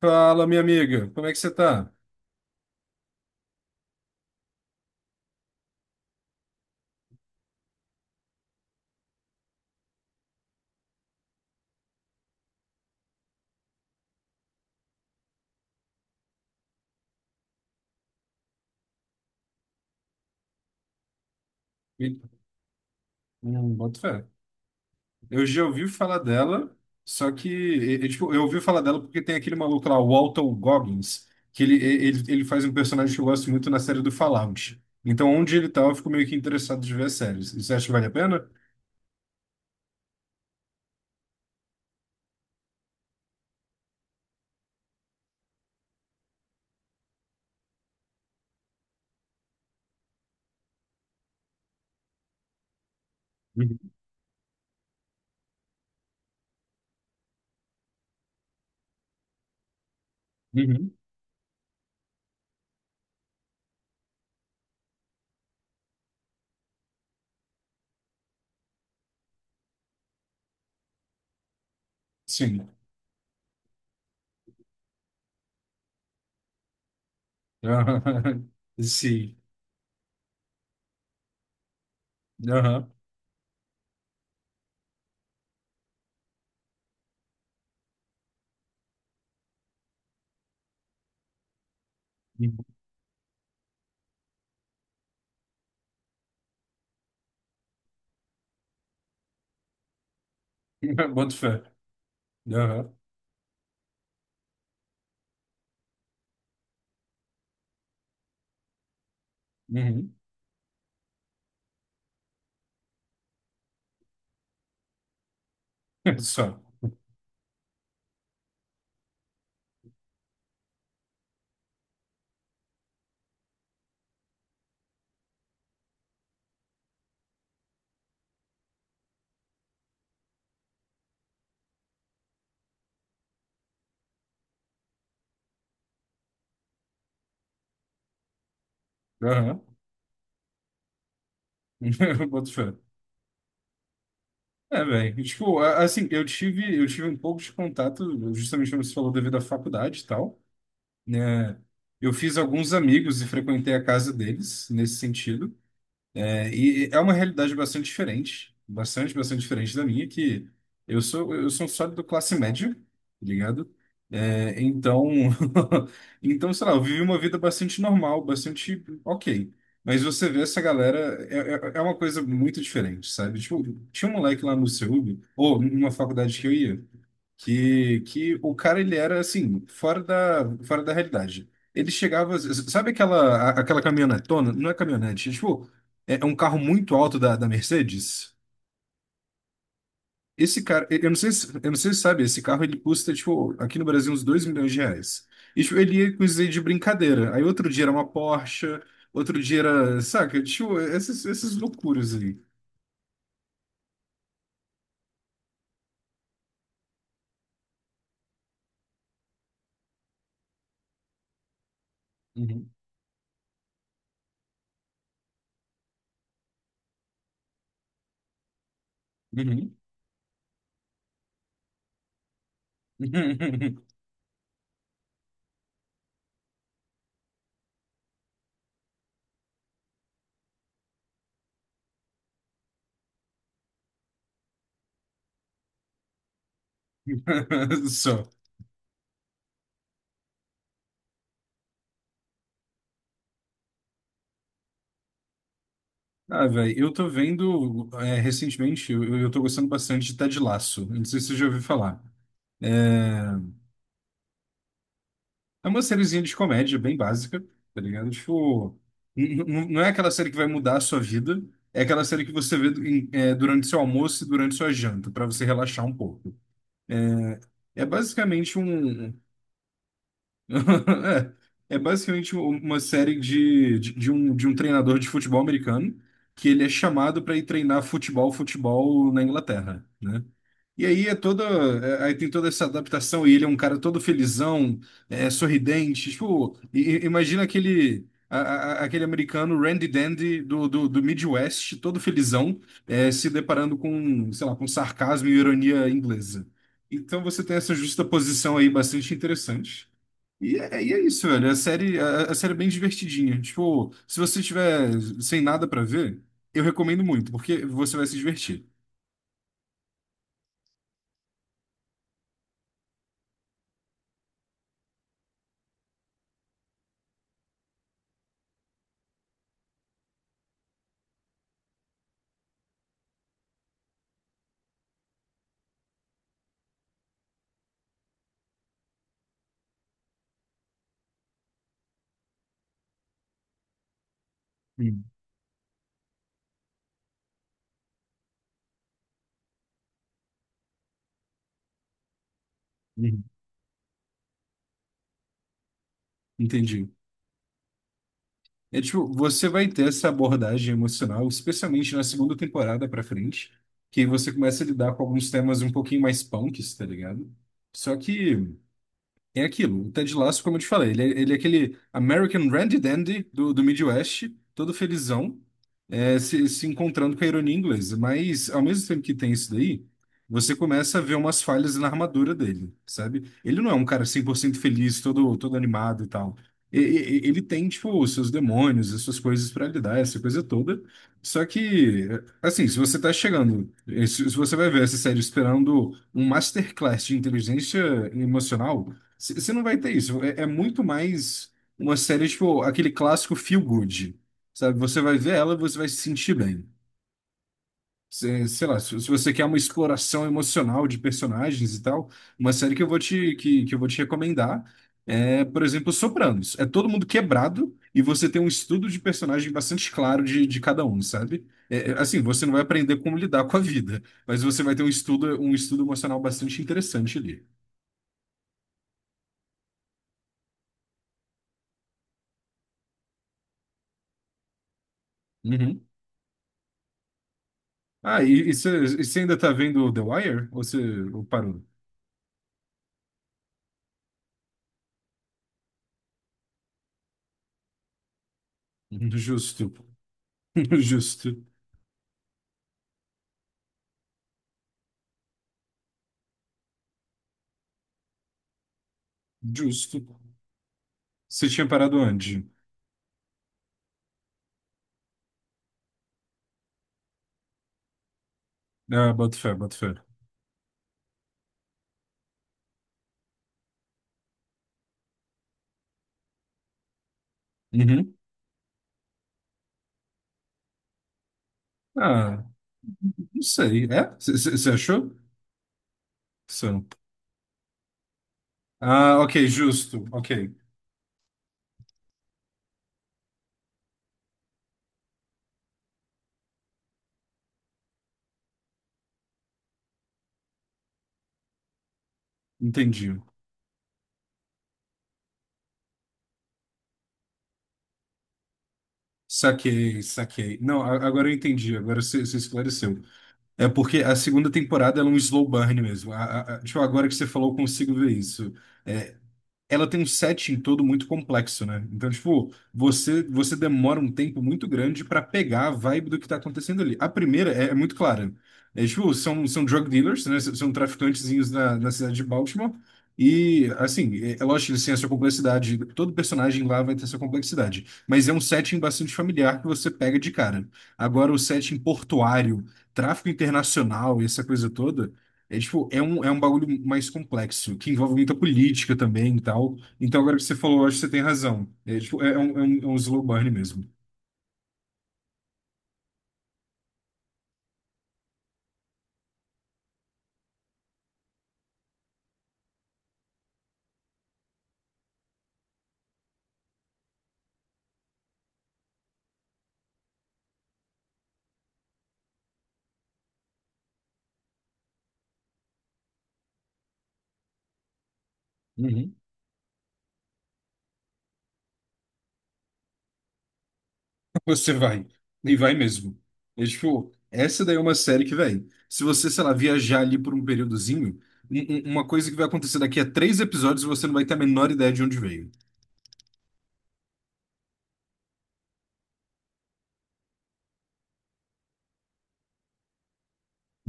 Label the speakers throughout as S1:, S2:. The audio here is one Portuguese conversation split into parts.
S1: Fala, minha amiga, como é que você tá? Me- Boto fé. Eu já ouvi falar dela, só que eu ouvi falar dela porque tem aquele maluco lá, o Walton Goggins, que ele, e- ele, ele faz um personagem que eu gosto muito na série do Fallout. Então, onde ele tá, eu fico meio que interessado de ver as séries. Você acha que vale a pena? Uhum. Uhum. Sim. Aham. Sim. Aham. Uhum. Boto fé. Aham. Uhum. Só. Aham. Boto fé. É, velho. Eu tive um pouco de contato, justamente como você falou, devido à faculdade e tal, né? Eu fiz alguns amigos e frequentei a casa deles nesse sentido. É, e é uma realidade bastante diferente, bastante, bastante diferente da minha, que eu sou um sólido classe média, tá ligado? É, então, então, sei lá, eu vivi uma vida bastante normal, bastante ok. Mas você vê essa galera, é uma coisa muito diferente, sabe? Tipo, tinha um moleque lá no CEUB, ou numa faculdade que eu ia, que o cara, ele era assim, fora fora da realidade. Ele chegava, sabe aquela, aquela caminhonetona? Não é caminhonete, é tipo, é um carro muito alto da Mercedes. Esse cara, eu não sei se, eu não sei se sabe, esse carro ele custa, tipo, aqui no Brasil uns 2 milhões de reais. E tipo, ele ia com isso aí de brincadeira. Aí outro dia era uma Porsche, outro dia era, saca? Tipo, essas loucuras aí. Uhum. Uhum. Só. Ah, velho, eu tô vendo é, recentemente, eu tô gostando bastante de Ted Lasso. Não sei se você já ouviu falar. É, é uma sériezinha de comédia bem básica, tá ligado? Tipo, não é aquela série que vai mudar a sua vida, é aquela série que você vê durante seu almoço e durante sua janta, pra você relaxar um pouco. É basicamente um. É, é basicamente uma série de um treinador de futebol americano que ele é chamado para ir treinar futebol na Inglaterra, né? E aí é toda, aí tem toda essa adaptação e ele é um cara todo felizão, é, sorridente, tipo, imagina aquele aquele americano Randy Dandy do Midwest, todo felizão, é, se deparando com, sei lá, com sarcasmo e ironia inglesa. Então você tem essa justa posição aí bastante interessante. E é isso, velho. A série, a série é bem divertidinha. Tipo, se você tiver sem nada pra ver, eu recomendo muito, porque você vai se divertir. Hum, uhum. Entendi. É tipo, você vai ter essa abordagem emocional, especialmente na segunda temporada pra frente, que você começa a lidar com alguns temas um pouquinho mais punks, tá ligado? Só que é aquilo, o Ted Lasso, como eu te falei, ele é aquele American Randy Dandy do, do Midwest, todo felizão, é, se encontrando com a ironia inglesa. Mas, ao mesmo tempo que tem isso daí, você começa a ver umas falhas na armadura dele, sabe? Ele não é um cara 100% feliz, todo, todo animado e tal. Ele tem, tipo, os seus demônios, as suas coisas para lidar, essa coisa toda. Só que, assim, se você tá chegando, eh, se você vai ver essa série esperando um masterclass de inteligência emocional, você não vai ter isso. É, é muito mais uma série, tipo, aquele clássico feel good. Sabe? Você vai ver ela e você vai se sentir bem. Cê- sei lá, se você quer uma exploração emocional de personagens e tal, uma série que que eu vou te recomendar é, por exemplo, Sopranos. É todo mundo quebrado e você tem um estudo de personagem bastante claro de cada um, sabe? É, é, assim, você não vai aprender como lidar com a vida, mas você vai ter um estudo emocional bastante interessante ali. Uhum. Ah, e você ainda tá vendo The Wire? Ou você parou? Justo. Justo. Justo. Você tinha parado onde? Ah, boto fé, boto fé. Uhum. Ah, não sei. É? Você achou? São. Ah, ok, justo. Ok, entendi. Saquei, saquei. Não, agora eu entendi, agora você esclareceu. É porque a segunda temporada ela é um slow burn mesmo. Tipo, agora que você falou, eu consigo ver isso. É, ela tem um setting todo muito complexo, né? Então, tipo, você demora um tempo muito grande pra pegar a vibe do que tá acontecendo ali. A primeira é, é muito clara. É, tipo, são drug dealers, né? São traficantezinhos na cidade de Baltimore. E, assim, é, é lógico que eles têm a sua complexidade. Todo personagem lá vai ter sua complexidade. Mas é um setting bastante familiar que você pega de cara. Agora, o setting portuário, tráfico internacional e essa coisa toda. É, tipo, é um bagulho mais complexo, que envolve muita política também e tal. Então, agora que você falou, eu acho que você tem razão. É, tipo, é um slow burn mesmo. Uhum. Você vai. E vai mesmo. É tipo, essa daí é uma série que, velho, se você, sei lá, viajar ali por um períodozinho, um- uma coisa que vai acontecer daqui a 3 episódios, você não vai ter a menor ideia de onde veio.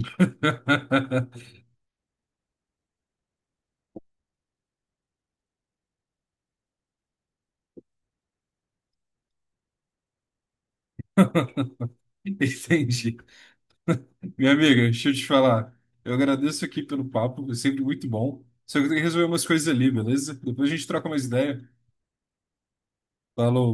S1: Entende? Minha amiga, deixa eu te falar. Eu agradeço aqui pelo papo, é sempre muito bom. Só que eu tenho que resolver umas coisas ali, beleza? Depois a gente troca mais ideia. Falou.